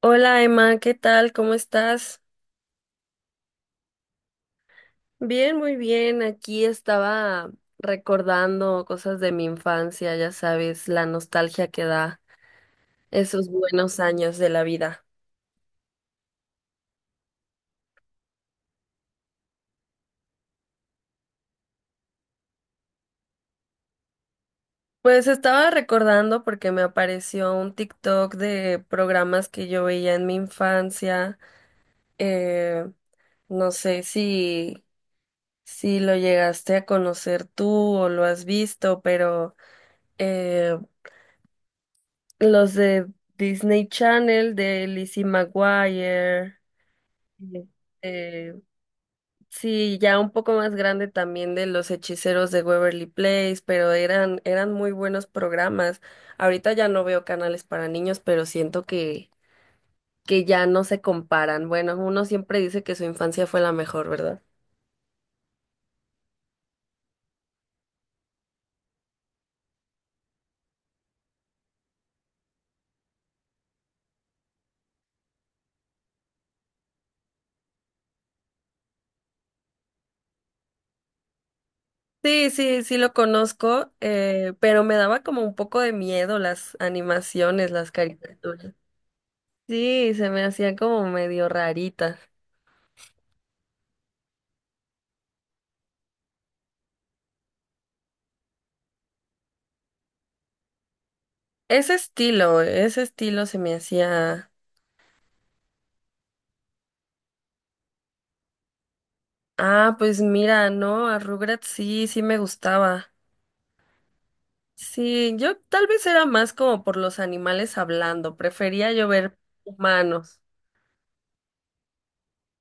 Hola Emma, ¿qué tal? ¿Cómo estás? Bien, muy bien. Aquí estaba recordando cosas de mi infancia, ya sabes, la nostalgia que da esos buenos años de la vida. Pues estaba recordando porque me apareció un TikTok de programas que yo veía en mi infancia. Eh, no sé si lo llegaste a conocer tú o lo has visto, pero eh, los de Disney Channel, de Lizzie McGuire. Sí. eh, sí, ya un poco más grande también de Los Hechiceros de Waverly Place, pero eran muy buenos programas. Ahorita ya no veo canales para niños, pero siento que ya no se comparan. Bueno, uno siempre dice que su infancia fue la mejor, ¿verdad? Sí, sí, sí lo conozco, pero me daba como un poco de miedo las animaciones, las caricaturas. Sí, se me hacían como medio raritas. Ese estilo se me hacía. Ah, pues mira, no, a Rugrats sí, sí me gustaba. Sí, yo tal vez era más como por los animales hablando, prefería yo ver humanos.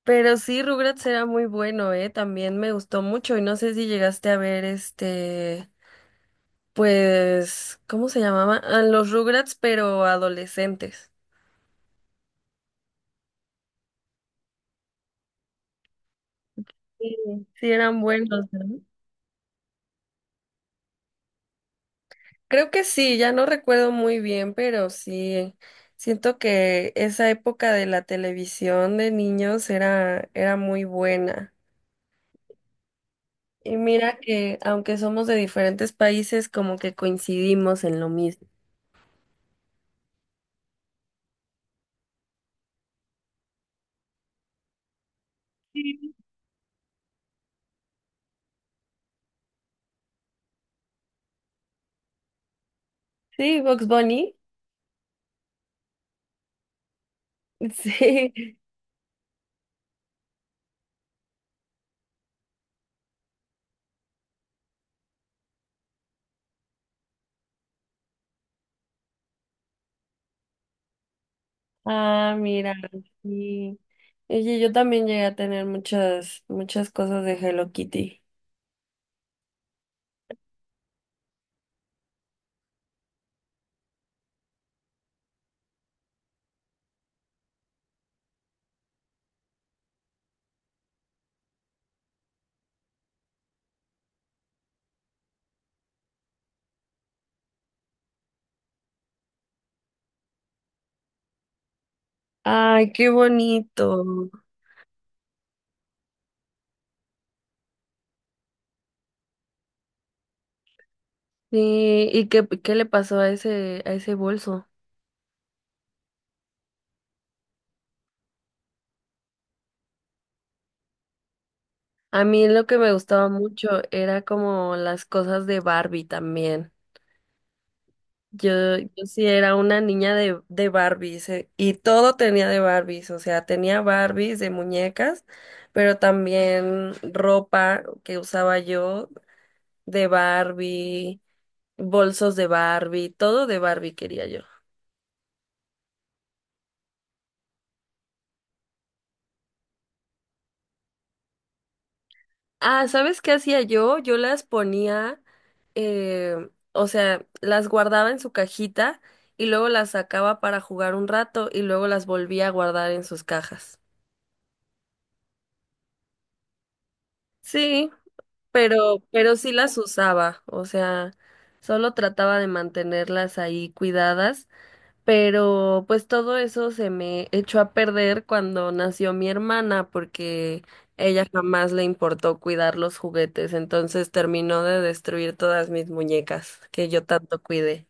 Pero sí, Rugrats era muy bueno, también me gustó mucho y no sé si llegaste a ver este, pues, ¿cómo se llamaba? Ah, los Rugrats, pero adolescentes. Sí, sí eran buenos, ¿no? Creo que sí, ya no recuerdo muy bien, pero sí, siento que esa época de la televisión de niños era muy buena. Y mira que aunque somos de diferentes países, como que coincidimos en lo mismo. Sí, Box Bunny. Sí. Ah, mira, sí. Oye, yo también llegué a tener muchas cosas de Hello Kitty. Ay, qué bonito. Sí, ¿y qué le pasó a a ese bolso? A mí lo que me gustaba mucho era como las cosas de Barbie también. Yo, yo sí era una niña de Barbies, y todo tenía de Barbies, o sea, tenía Barbies de muñecas, pero también ropa que usaba yo de Barbie, bolsos de Barbie, todo de Barbie quería yo. Ah, ¿sabes qué hacía yo? Yo las ponía, o sea, las guardaba en su cajita y luego las sacaba para jugar un rato y luego las volvía a guardar en sus cajas. Sí, pero sí las usaba, o sea, solo trataba de mantenerlas ahí cuidadas. Pero pues todo eso se me echó a perder cuando nació mi hermana porque ella jamás le importó cuidar los juguetes, entonces terminó de destruir todas mis muñecas que yo tanto cuidé.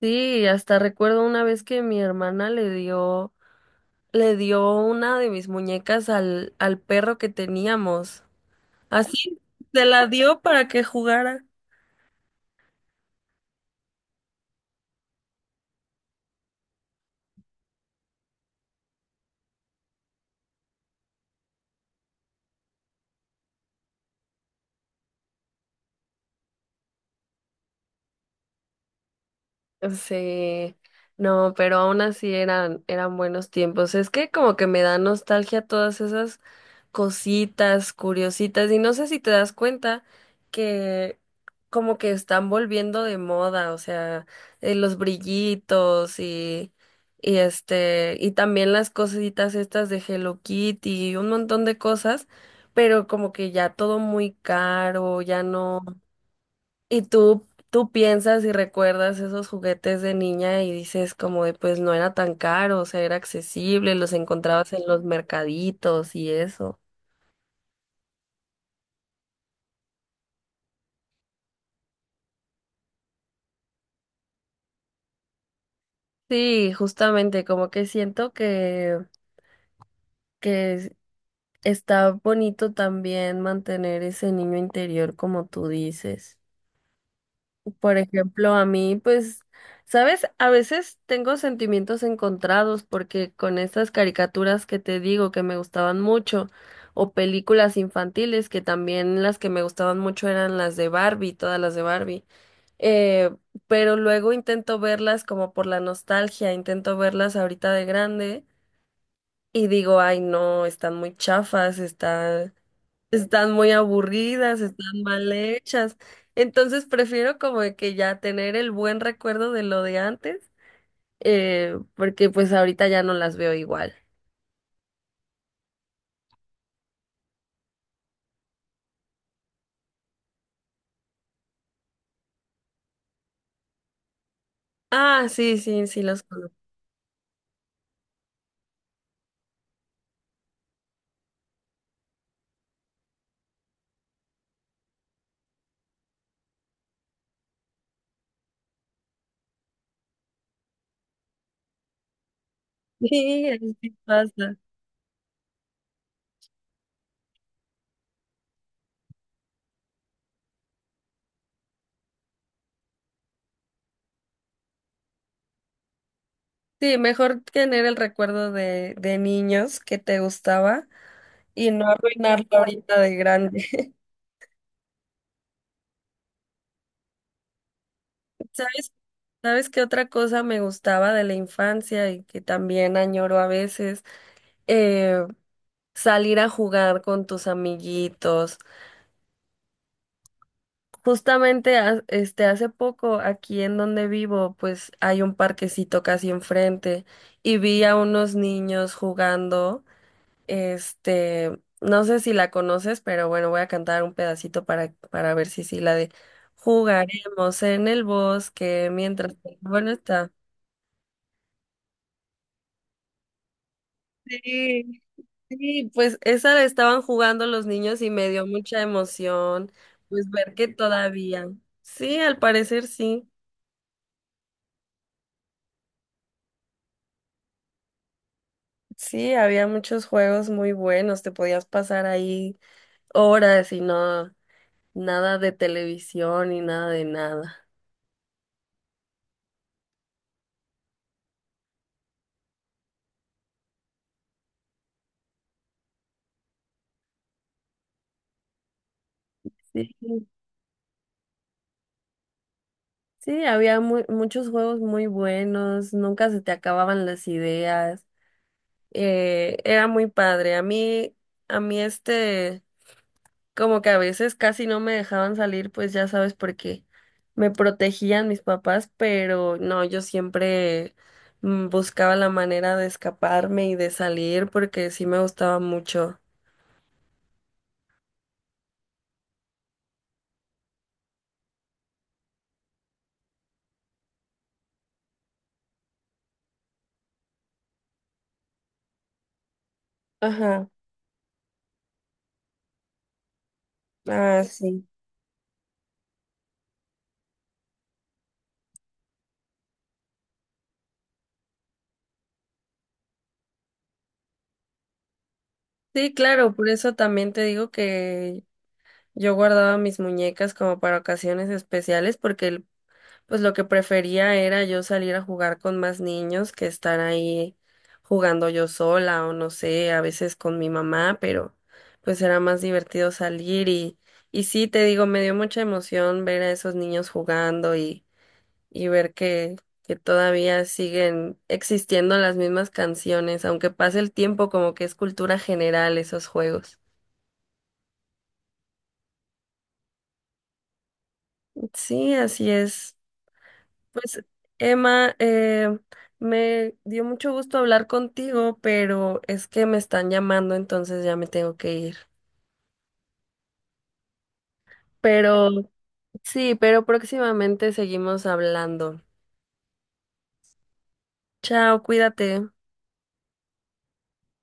Sí, hasta recuerdo una vez que mi hermana le dio una de mis muñecas al al perro que teníamos. Así se la dio para que jugara. Sí, no, pero aún así eran buenos tiempos. Es que como que me da nostalgia todas esas cositas curiositas y no sé si te das cuenta que como que están volviendo de moda, o sea, los brillitos y este, y también las cositas estas de Hello Kitty y un montón de cosas, pero como que ya todo muy caro, ya no. Y tú piensas y recuerdas esos juguetes de niña y dices como de pues no era tan caro, o sea, era accesible, los encontrabas en los mercaditos y eso. Sí, justamente, como que siento que es- está bonito también mantener ese niño interior como tú dices. Por ejemplo, a mí, pues, ¿sabes? A veces tengo sentimientos encontrados porque con estas caricaturas que te digo que me gustaban mucho, o películas infantiles que también las que me gustaban mucho eran las de Barbie, todas las de Barbie, eh, pero luego intento verlas como por la nostalgia, intento verlas ahorita de grande y digo, ay, no, están muy chafas, están muy aburridas, están mal hechas. Entonces prefiero como de que ya tener el buen recuerdo de lo de antes, porque pues ahorita ya no las veo igual. Ah, sí, sí, sí los conozco. Sí, así pasa. Sí, mejor tener el recuerdo de niños que te gustaba y no arruinarlo ahorita de grande. ¿Sabes? ¿Sabes qué otra cosa me gustaba de la infancia y que también añoro a veces? Eh, Salir a jugar con tus amiguitos. Justamente este hace poco aquí en donde vivo, pues hay un parquecito casi enfrente y vi a unos niños jugando. Este, no sé si la conoces, pero bueno, voy a cantar un pedacito para ver si sí la de jugaremos en el bosque mientras bueno está. Sí. Sí, pues esa la estaban jugando los niños y me dio mucha emoción, pues ver que todavía. Sí, al parecer sí. Sí, había muchos juegos muy buenos, te podías pasar ahí horas y no nada de televisión y nada de nada. Sí, sí, había muchos juegos muy buenos, nunca se te acababan las ideas. Era muy padre. A a mí este como que a veces casi no me dejaban salir, pues ya sabes por qué. Me protegían mis papás, pero no, yo siempre buscaba la manera de escaparme y de salir porque sí me gustaba mucho. Ajá, ah, sí. Sí, claro, por eso también te digo que yo guardaba mis muñecas como para ocasiones especiales porque pues lo que prefería era yo salir a jugar con más niños que estar ahí jugando yo sola o no sé, a veces con mi mamá, pero pues era más divertido salir y sí, te digo, me dio mucha emoción ver a esos niños jugando y ver que todavía siguen existiendo las mismas canciones, aunque pase el tiempo, como que es cultura general esos juegos. Sí, así es. Pues, Emma, me dio mucho gusto hablar contigo, pero es que me están llamando, entonces ya me tengo que ir. Pero sí, pero próximamente seguimos hablando. Chao, cuídate.